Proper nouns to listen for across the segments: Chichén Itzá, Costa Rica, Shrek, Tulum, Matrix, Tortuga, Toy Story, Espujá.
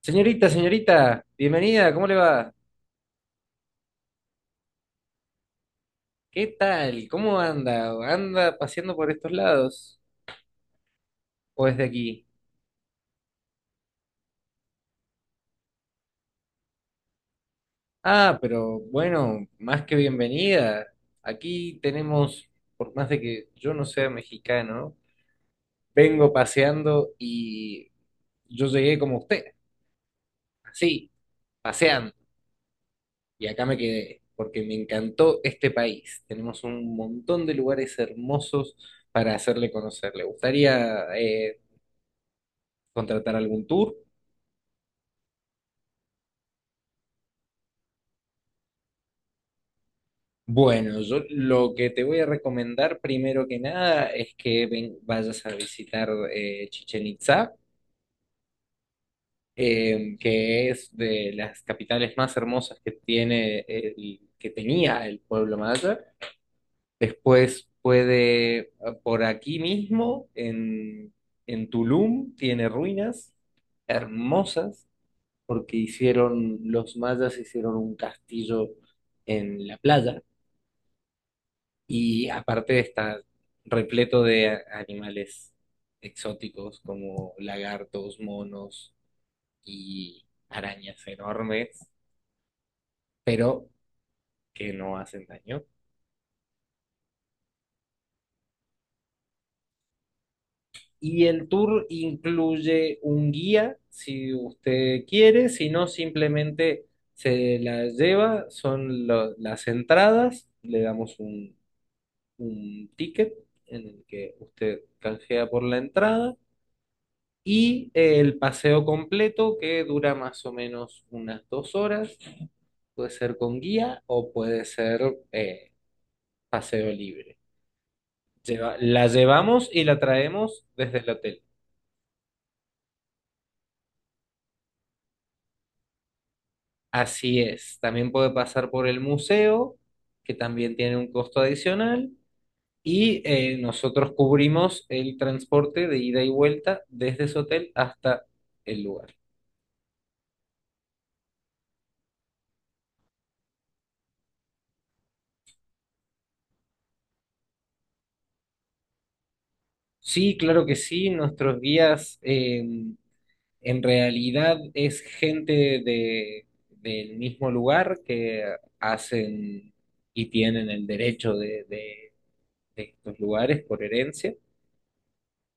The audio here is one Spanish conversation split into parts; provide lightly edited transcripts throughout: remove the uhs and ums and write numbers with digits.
Señorita, señorita, bienvenida, ¿cómo le va? ¿Qué tal? ¿Cómo anda? ¿Anda paseando por estos lados? ¿O desde aquí? Ah, pero bueno, más que bienvenida. Aquí tenemos, por más de que yo no sea mexicano, vengo paseando y yo llegué como usted, así, paseando. Y acá me quedé, porque me encantó este país. Tenemos un montón de lugares hermosos para hacerle conocer. ¿Le gustaría contratar algún tour? Bueno, yo lo que te voy a recomendar primero que nada es que vayas a visitar Chichén Itzá, que es de las capitales más hermosas que que tenía el pueblo maya. Después puede, por aquí mismo, en Tulum, tiene ruinas hermosas, porque los mayas hicieron un castillo en la playa. Y aparte está repleto de animales exóticos como lagartos, monos y arañas enormes, pero que no hacen daño. Y el tour incluye un guía, si usted quiere, si no, simplemente se la lleva, son las entradas, le damos un ticket en el que usted canjea por la entrada. Y el paseo completo que dura más o menos unas 2 horas, puede ser con guía o puede ser eh, paseo libre. La llevamos y la traemos desde el hotel. Así es, también puede pasar por el museo, que también tiene un costo adicional, y nosotros cubrimos el transporte de ida y vuelta desde su hotel hasta el lugar. Sí, claro que sí, nuestros guías. En realidad es gente del mismo lugar que hacen y tienen el derecho de de estos lugares por herencia.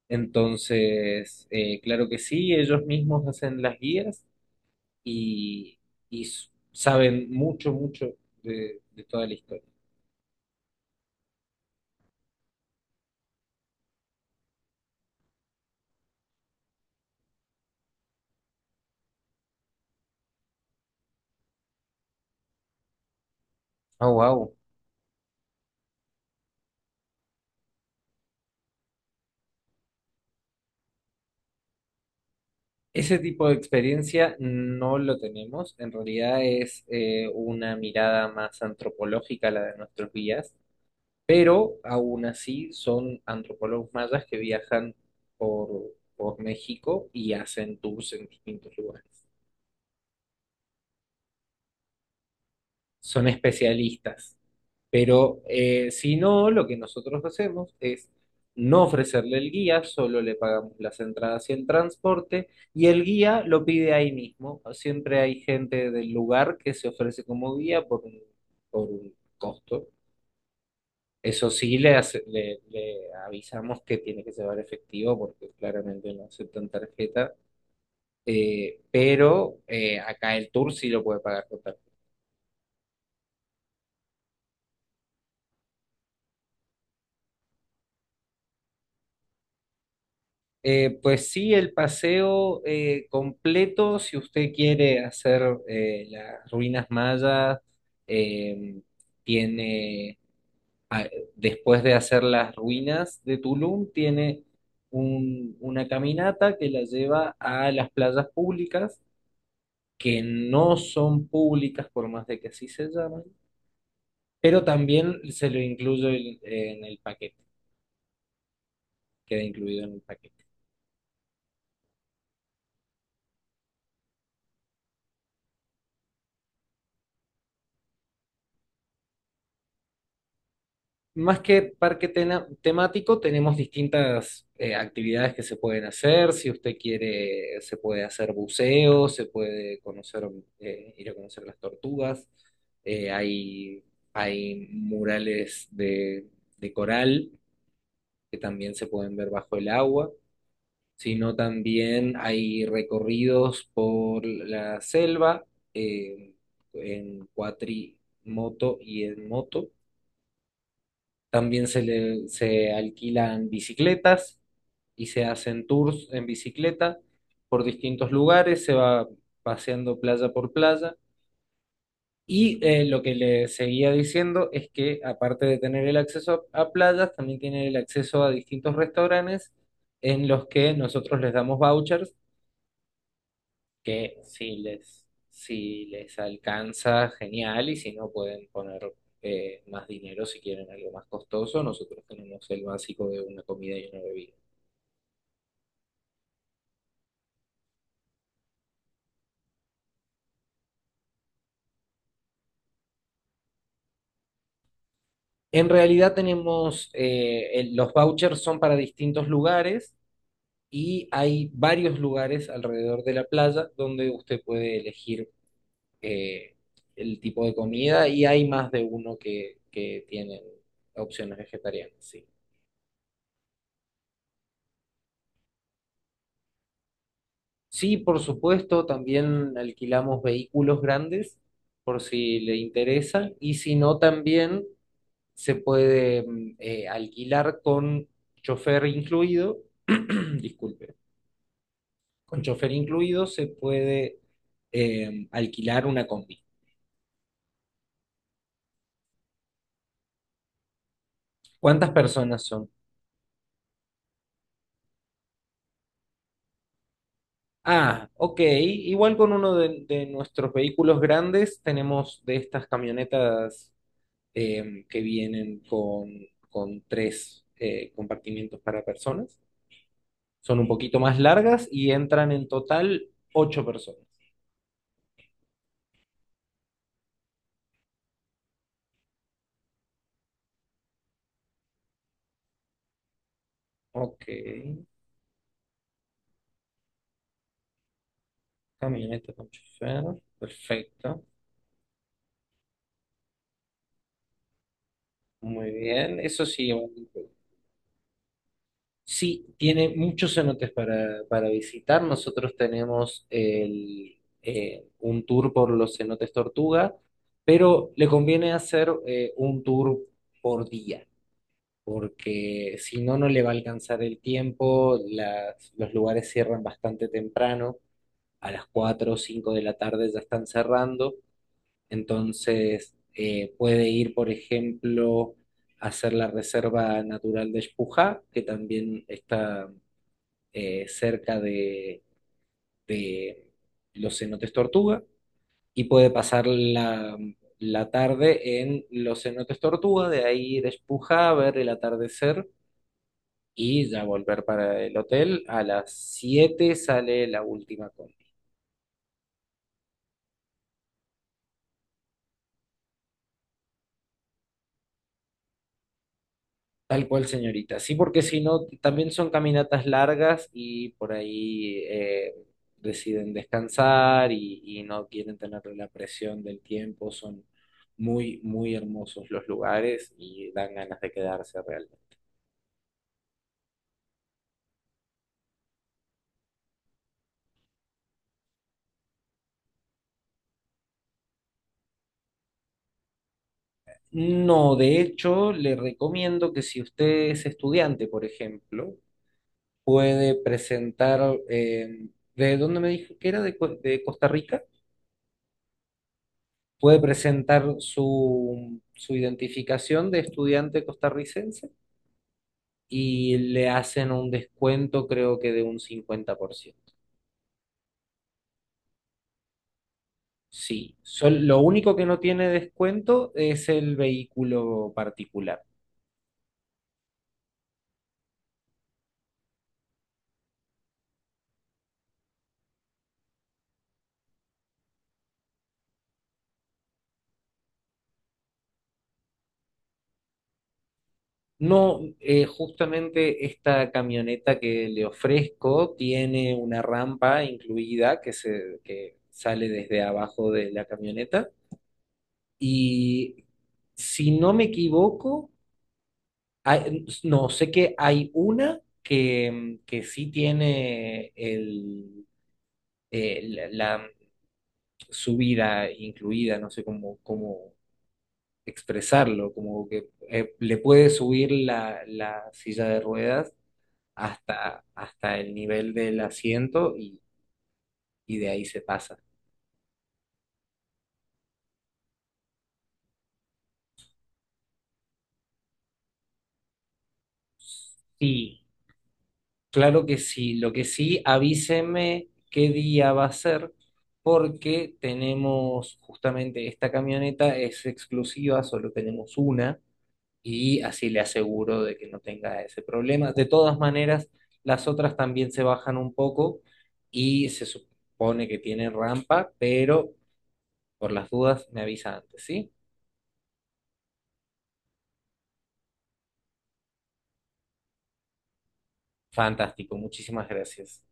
Entonces, claro que sí, ellos mismos hacen las guías y, y saben mucho, mucho de toda la historia. Oh, wow. Ese tipo de experiencia no lo tenemos. En realidad es una mirada más antropológica la de nuestros guías, pero aún así son antropólogos mayas que viajan por México y hacen tours en distintos lugares. Son especialistas, pero si no, lo que nosotros hacemos es no ofrecerle el guía, solo le pagamos las entradas y el transporte, y el guía lo pide ahí mismo. Siempre hay gente del lugar que se ofrece como guía por un costo. Eso sí, le avisamos que tiene que llevar efectivo porque claramente no aceptan tarjeta, pero acá el tour sí lo puede pagar con tarjeta. Pues sí, el paseo completo, si usted quiere hacer las ruinas mayas, eh, tiene, a- después de hacer las ruinas de Tulum, tiene una caminata que la lleva a las playas públicas que no son públicas por más de que sí se llamen, pero también se lo incluyo en el paquete, queda incluido en el paquete. Más que parque temático, tenemos distintas actividades que se pueden hacer. Si usted quiere, se puede hacer buceo, se puede conocer, ir a conocer las tortugas. Eh, hay, hay murales de coral que también se pueden ver bajo el agua. Sino también hay recorridos por la selva eh, en cuatrimoto y en moto. También se alquilan bicicletas y se hacen tours en bicicleta por distintos lugares, se va paseando playa por playa. Y lo que le seguía diciendo es que aparte de tener el acceso a playas, también tiene el acceso a distintos restaurantes en los que nosotros les damos vouchers que si les alcanza, genial, y si no pueden poner más dinero si quieren algo más costoso, nosotros tenemos el básico de una comida y una bebida. En realidad tenemos, los vouchers son para distintos lugares y hay varios lugares alrededor de la playa donde usted puede elegir eh, el tipo de comida y hay más de uno que tienen opciones vegetarianas, sí. Sí, por supuesto, también alquilamos vehículos grandes por si le interesa y si no, también se puede alquilar con chofer incluido, disculpe, con chofer incluido se puede alquilar una combi. ¿Cuántas personas son? Ah, ok, igual con uno de nuestros vehículos grandes tenemos de estas camionetas que vienen con, tres compartimientos para personas. Son un poquito más largas y entran en total ocho personas. Ok, camioneta con chofer, perfecto, muy bien. Eso sí, sí, tiene muchos cenotes para visitar. Nosotros tenemos un tour por los cenotes Tortuga, pero le conviene hacer un tour por día. Porque si no, no le va a alcanzar el tiempo, los lugares cierran bastante temprano, a las 4 o 5 de la tarde ya están cerrando, entonces puede ir, por ejemplo, a hacer la Reserva Natural de Espujá, que también está cerca de los cenotes Tortuga, y puede pasar la tarde en los cenotes Tortuga, de ahí ir a Espujá a ver el atardecer y ya volver para el hotel. A las 7 sale la última combi. Tal cual, señorita. Sí, porque si no, también son caminatas largas y por ahí deciden descansar y no quieren tener la presión del tiempo. Son muy, muy hermosos los lugares y dan ganas de quedarse realmente. No, de hecho, le recomiendo que si usted es estudiante, por ejemplo, puede presentar, ¿de dónde me dijo que era? De Costa Rica. Puede presentar su identificación de estudiante costarricense y le hacen un descuento, creo que de un 50%. Sí, lo único que no tiene descuento es el vehículo particular. No, justamente esta camioneta que le ofrezco tiene una rampa incluida que sale desde abajo de la camioneta. Y si no me equivoco, no, sé que hay una que sí tiene el, eh, la, la subida incluida, no sé cómo expresarlo, como que le puede subir la silla de ruedas hasta el nivel del asiento y de ahí se pasa. Sí, claro que sí, lo que sí, avíseme qué día va a ser, porque tenemos justamente esta camioneta, es exclusiva, solo tenemos una, y así le aseguro de que no tenga ese problema. De todas maneras, las otras también se bajan un poco y se supone que tienen rampa, pero por las dudas me avisa antes, ¿sí? Fantástico, muchísimas gracias.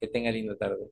Que tenga linda tarde.